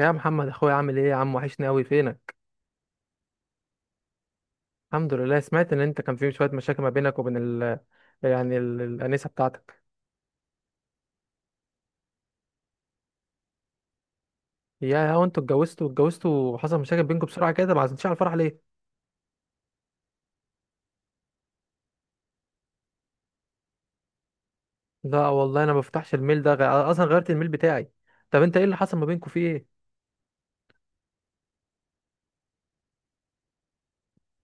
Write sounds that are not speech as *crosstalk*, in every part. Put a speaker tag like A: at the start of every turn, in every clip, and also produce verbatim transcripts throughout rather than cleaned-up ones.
A: يا محمد اخويا عامل ايه يا عم، وحشني قوي فينك. الحمد لله، سمعت ان انت كان في شويه مشاكل ما بينك وبين ال... يعني ال... الانسه بتاعتك. يا هو انتوا اتجوزتوا اتجوزتوا وحصل مشاكل بينكم بسرعه كده، ما عزمتش على الفرح ليه؟ لا والله انا ما بفتحش الميل ده، غ... اصلا غيرت الميل بتاعي. طب انت ايه اللي حصل ما بينكم، فيه ايه؟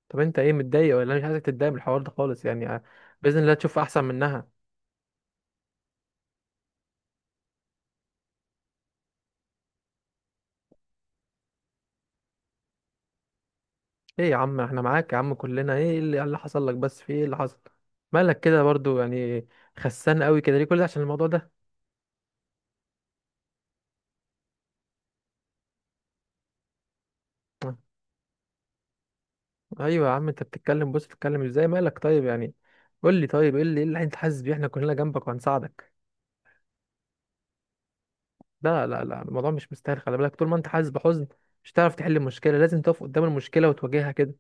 A: طب انت ايه متضايق؟ ولا أنا مش عايزك تتضايق من الحوار ده خالص يعني. آه، باذن الله تشوف احسن منها. ايه يا عم، احنا معاك يا عم كلنا. ايه اللي, إيه اللي حصل لك؟ بس في ايه اللي حصل؟ مالك كده برضو يعني؟ خسان قوي كده ليه؟ كل ده عشان الموضوع ده؟ ايوه يا عم، انت بتتكلم، بص بتتكلم ازاي، مالك طيب يعني؟ قول لي طيب ايه اللي إيه اللي انت حاسس بيه. احنا كلنا جنبك وهنساعدك. لا لا لا، الموضوع مش مستاهل، خلي بالك. طول ما انت حاسس بحزن مش هتعرف تحل المشكله. لازم تقف قدام المشكله وتواجهها كده.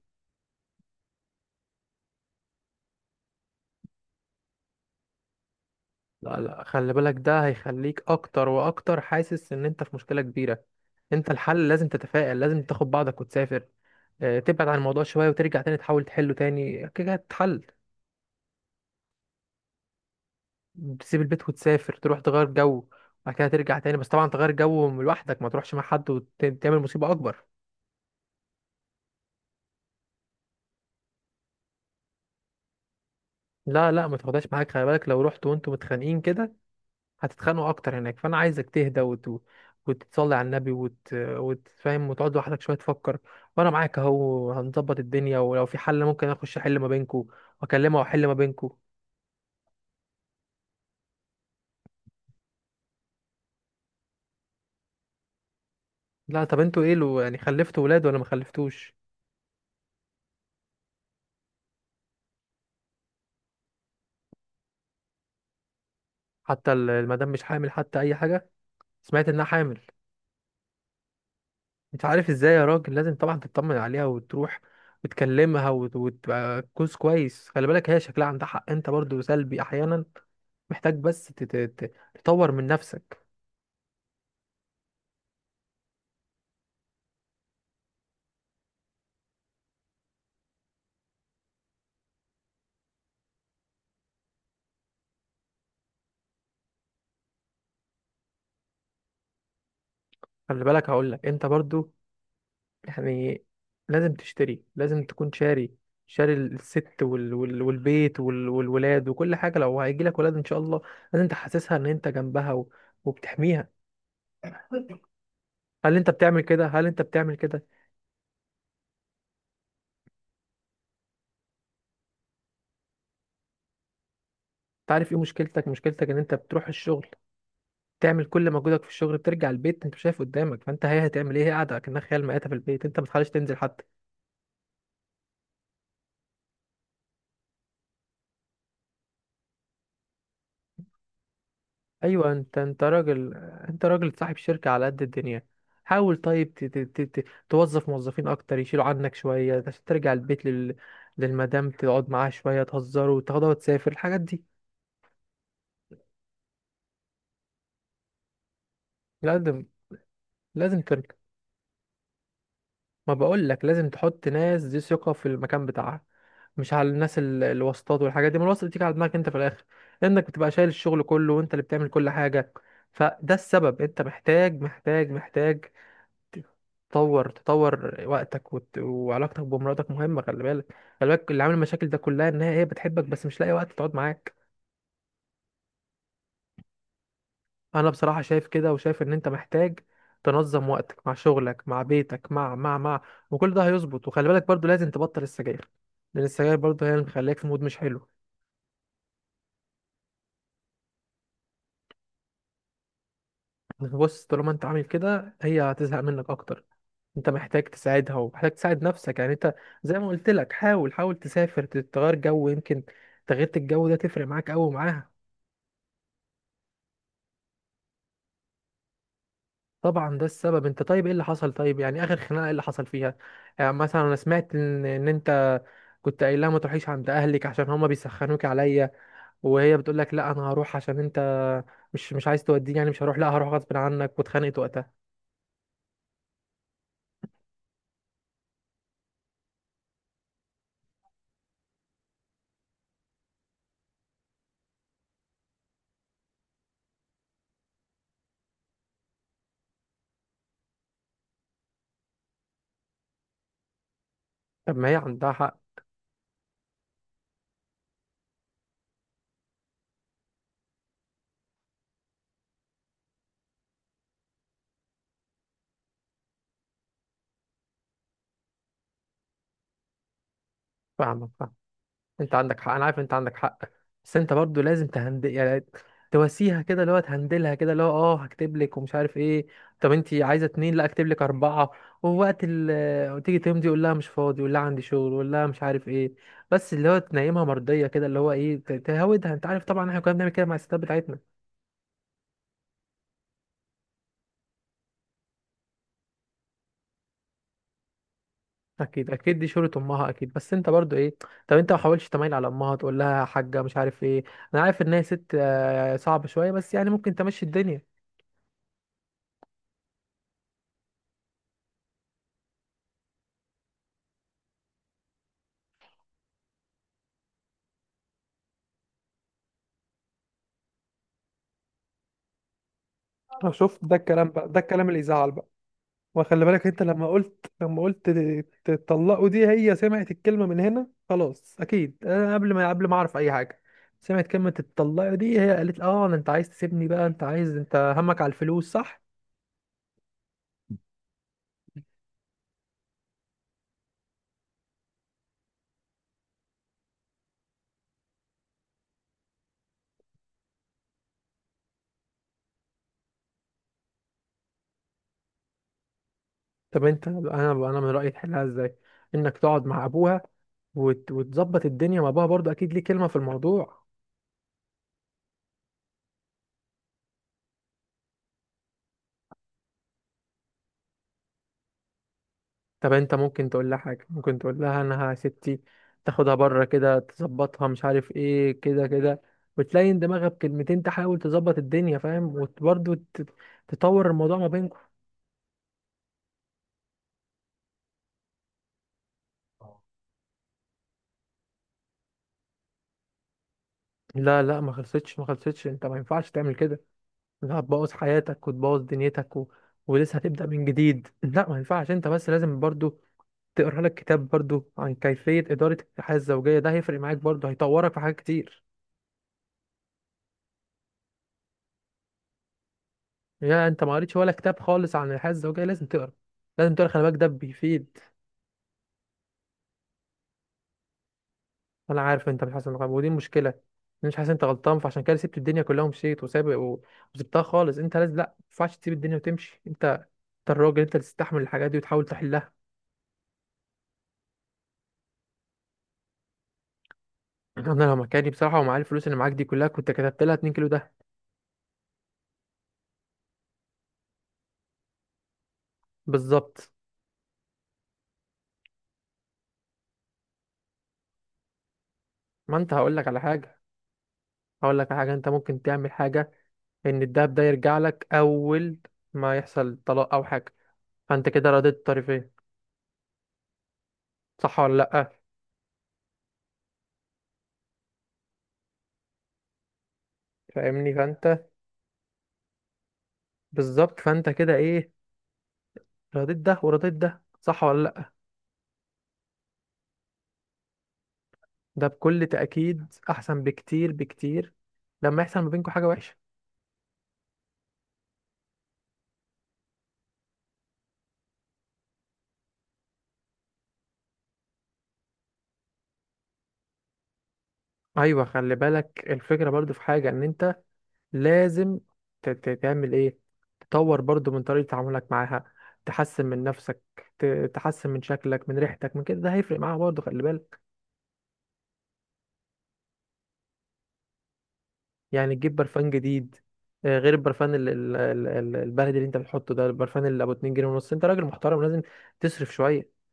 A: لا لا، خلي بالك ده هيخليك اكتر واكتر حاسس ان انت في مشكله كبيره. انت الحل لازم تتفائل، لازم تاخد بعضك وتسافر. آه، تبعد عن الموضوع شويه وترجع تاني تحاول تحله تاني كده هتتحل. تسيب البيت وتسافر، تروح تغير جو. وبعد كده ترجع تاني. بس طبعا تغير جو لوحدك، ما تروحش مع حد وتعمل مصيبة أكبر. لا لا، ما تاخدهاش معاك. خلي بالك لو رحت وانتوا متخانقين كده هتتخانقوا أكتر هناك. فأنا عايزك تهدى وت... وتتصلي على النبي وت... وتفهم وتقعد لوحدك شوية تفكر. وأنا معاك أهو، هنظبط الدنيا. ولو في حل ممكن أخش أحل ما بينكوا وأكلمها وأحل ما بينكوا. لا، طب انتوا ايه؟ لو يعني خلفتوا ولاد ولا ما خلفتوش؟ حتى ال- المدام مش حامل حتى أي حاجة؟ سمعت إنها حامل. انت عارف ازاي يا راجل؟ لازم طبعا تطمن عليها وتروح وتكلمها وت- وتبقى كوز كويس. خلي بالك، هي شكلها عندها حق. انت برضو سلبي احيانا، محتاج بس تت- تت- تطور من نفسك. خلي بالك، هقول لك انت برضو يعني لازم تشتري، لازم تكون شاري، شاري الست وال... وال... والبيت وال... والولاد وكل حاجة، لو هيجي لك ولاد ان شاء الله. لازم تحسسها ان انت جنبها و... وبتحميها. هل انت بتعمل كده؟ هل انت بتعمل كده تعرف ايه مشكلتك مشكلتك ان انت بتروح الشغل تعمل كل مجهودك في الشغل، بترجع البيت انت مش شايف قدامك. فانت هي هتعمل ايه؟ هي قاعده كأنها خيال مآتة في البيت، انت ما بتخليش تنزل حتى. ايوه انت انت راجل، انت راجل صاحب شركه على قد الدنيا. حاول طيب ت... ت... ت... ت... توظف موظفين اكتر يشيلوا عنك شويه عشان ترجع البيت لل... للمدام تقعد معاها شويه، تهزروا، تاخدها وتسافر الحاجات دي. لازم، لازم ترجع. ما بقول لك لازم تحط ناس ذي ثقه في المكان بتاعها، مش على الناس ال- الواسطات والحاجات دي. ما الواسطه بتيجي على دماغك انت في الاخر، انك بتبقى شايل الشغل كله وانت اللي بتعمل كل حاجه. فده السبب. انت محتاج محتاج محتاج تطور تطور وقتك وت... وعلاقتك بمراتك مهمه، خلي بالك. خلي بالك اللي عامل المشاكل ده كلها ان هي هي بتحبك بس مش لاقي وقت تقعد معاك. انا بصراحه شايف كده، وشايف ان انت محتاج تنظم وقتك مع شغلك مع بيتك مع مع مع وكل ده هيظبط. وخلي بالك برضو لازم تبطل السجاير، لان السجاير برضو هي اللي مخليك في مود مش حلو. بص طالما انت عامل كده هي هتزهق منك اكتر. انت محتاج تساعدها ومحتاج تساعد نفسك يعني. انت زي ما قلت لك، حاول، حاول تسافر تغير جو، يمكن تغيرة الجو ده تفرق معاك قوي معاها. طبعا ده السبب. انت طيب ايه اللي حصل، طيب يعني اخر خناقه ايه اللي حصل فيها؟ يعني مثلا انا سمعت ان, ان انت كنت قايل لها ما تروحيش عند اهلك عشان هما بيسخنوك عليا، وهي بتقول لك لا انا هروح، عشان انت مش مش عايز توديني يعني مش هروح، لا هروح غصب عنك. واتخانقت وقتها. طب ما هي عندها حق. فاهمك، فاهمك. انت عندك حق، انا عارف انت عندك حق. بس انت برضو لازم تهندل يعني، تواسيها كده، اللي هو تهندلها كده، اللي هو اه هكتب لك، ومش عارف ايه. طب انت عايزه اتنين؟ لا اكتب لك اربعه. ووقت ال تيجي تمضي يقول لها مش فاضي، يقول لها عندي شغل، يقول لها مش عارف ايه. بس اللي هو تنيمها مرضيه كده، اللي هو ايه ت- تهودها. انت عارف طبعا، احنا كنا بنعمل كده مع الستات بتاعتنا. اكيد، اكيد دي شغلة امها اكيد. بس انت برضو ايه؟ طب انت ما حاولتش تميل على امها تقول لها يا حاجه مش عارف ايه؟ انا عارف ان هي ست آه، صعبه شويه، بس يعني ممكن تمشي الدنيا. أنا شفت ده الكلام، بقى ده الكلام اللي يزعل بقى. وخلي بالك انت لما قلت، لما قلت تطلقوا، دي هي سمعت الكلمة من هنا خلاص اكيد. انا قبل ما قبل ما اعرف اي حاجة، سمعت كلمة تطلقوا دي، هي قالت اه أنا- انت عايز تسيبني بقى، انت عايز، انت همك على الفلوس صح. طب انت، انا انا من رأيي تحلها ازاي؟ انك تقعد مع ابوها وت- وتظبط الدنيا مع ابوها، برضه اكيد ليه كلمة في الموضوع. طب انت ممكن تقول لها حاجه، ممكن تقول لها انها يا ستي تاخدها بره كده، تظبطها، مش عارف ايه كده كده. وتلاقي ان دماغها بكلمتين تحاول تظبط الدنيا، فاهم؟ وبرضه ت- تطور الموضوع ما بينكم. لا لا ما خلصتش، ما خلصتش، انت ما ينفعش تعمل كده. لا، هتبوظ حياتك وتبوظ دنيتك و... ولسه هتبدأ من جديد. لا ما ينفعش. انت بس لازم برضو تقرا لك كتاب برضو عن كيفية إدارة الحياة الزوجية، ده هيفرق معاك برضو، هيطورك في حاجات كتير. يا انت ما قريتش ولا كتاب خالص عن الحياة الزوجية؟ لازم تقرا، لازم تقرا، خلي بالك ده بيفيد. انا عارف انت مش حاسس إنك- ودي المشكلة، انا مش حاسس انت غلطان، فعشان كده سبت الدنيا كلها ومشيت وسابق و- وسبتها خالص. انت لازم، لا ما ينفعش تسيب الدنيا وتمشي. انت، انت الراجل، انت اللي تستحمل الحاجات دي وتحاول تحلها. *clears throat* انا لو مكاني بصراحة، ومعايا الفلوس اللي معاك دي كلها، كنت كتبت لها اتنين كيلو ده. بالظبط. ما انت، هقول لك على حاجة، هقول لك على حاجة انت ممكن تعمل حاجة، ان الدهب ده يرجع لك اول ما يحصل طلاق او حاجة. فانت كده رضيت الطرفين، صح ولا لا؟ فاهمني؟ فانت بالظبط، فانت كده ايه، رضيت ده ورضيت ده، صح ولا لا؟ ده بكل تأكيد احسن بكتير، بكتير لما يحصل ما بينكم حاجة وحشة. ايوه خلي بالك، الفكرة برضو في حاجة ان انت لازم ت- ت- تعمل ايه، تطور برضو من طريقة تعاملك معاها، تحسن من نفسك، ت- تحسن من شكلك، من ريحتك، من كده، ده هيفرق معاها برضو، خلي بالك. يعني تجيب برفان جديد، آه، غير البرفان ال- ال- ال- ال- البلدي اللي انت بتحطه ده، البرفان اللي ابو اتنين جنيه ونص. انت راجل محترم لازم تصرف شوية.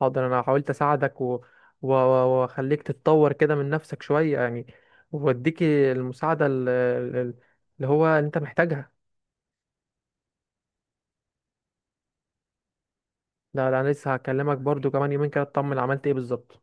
A: حاضر، انا حاولت اساعدك و... و... و- واخليك تتطور كده من نفسك شوية يعني، واديك المساعدة ال- ال- اللي هو انت محتاجها. لا لا، انا لسه هكلمك برضو كمان يومين كده، اطمن عملت ايه بالظبط.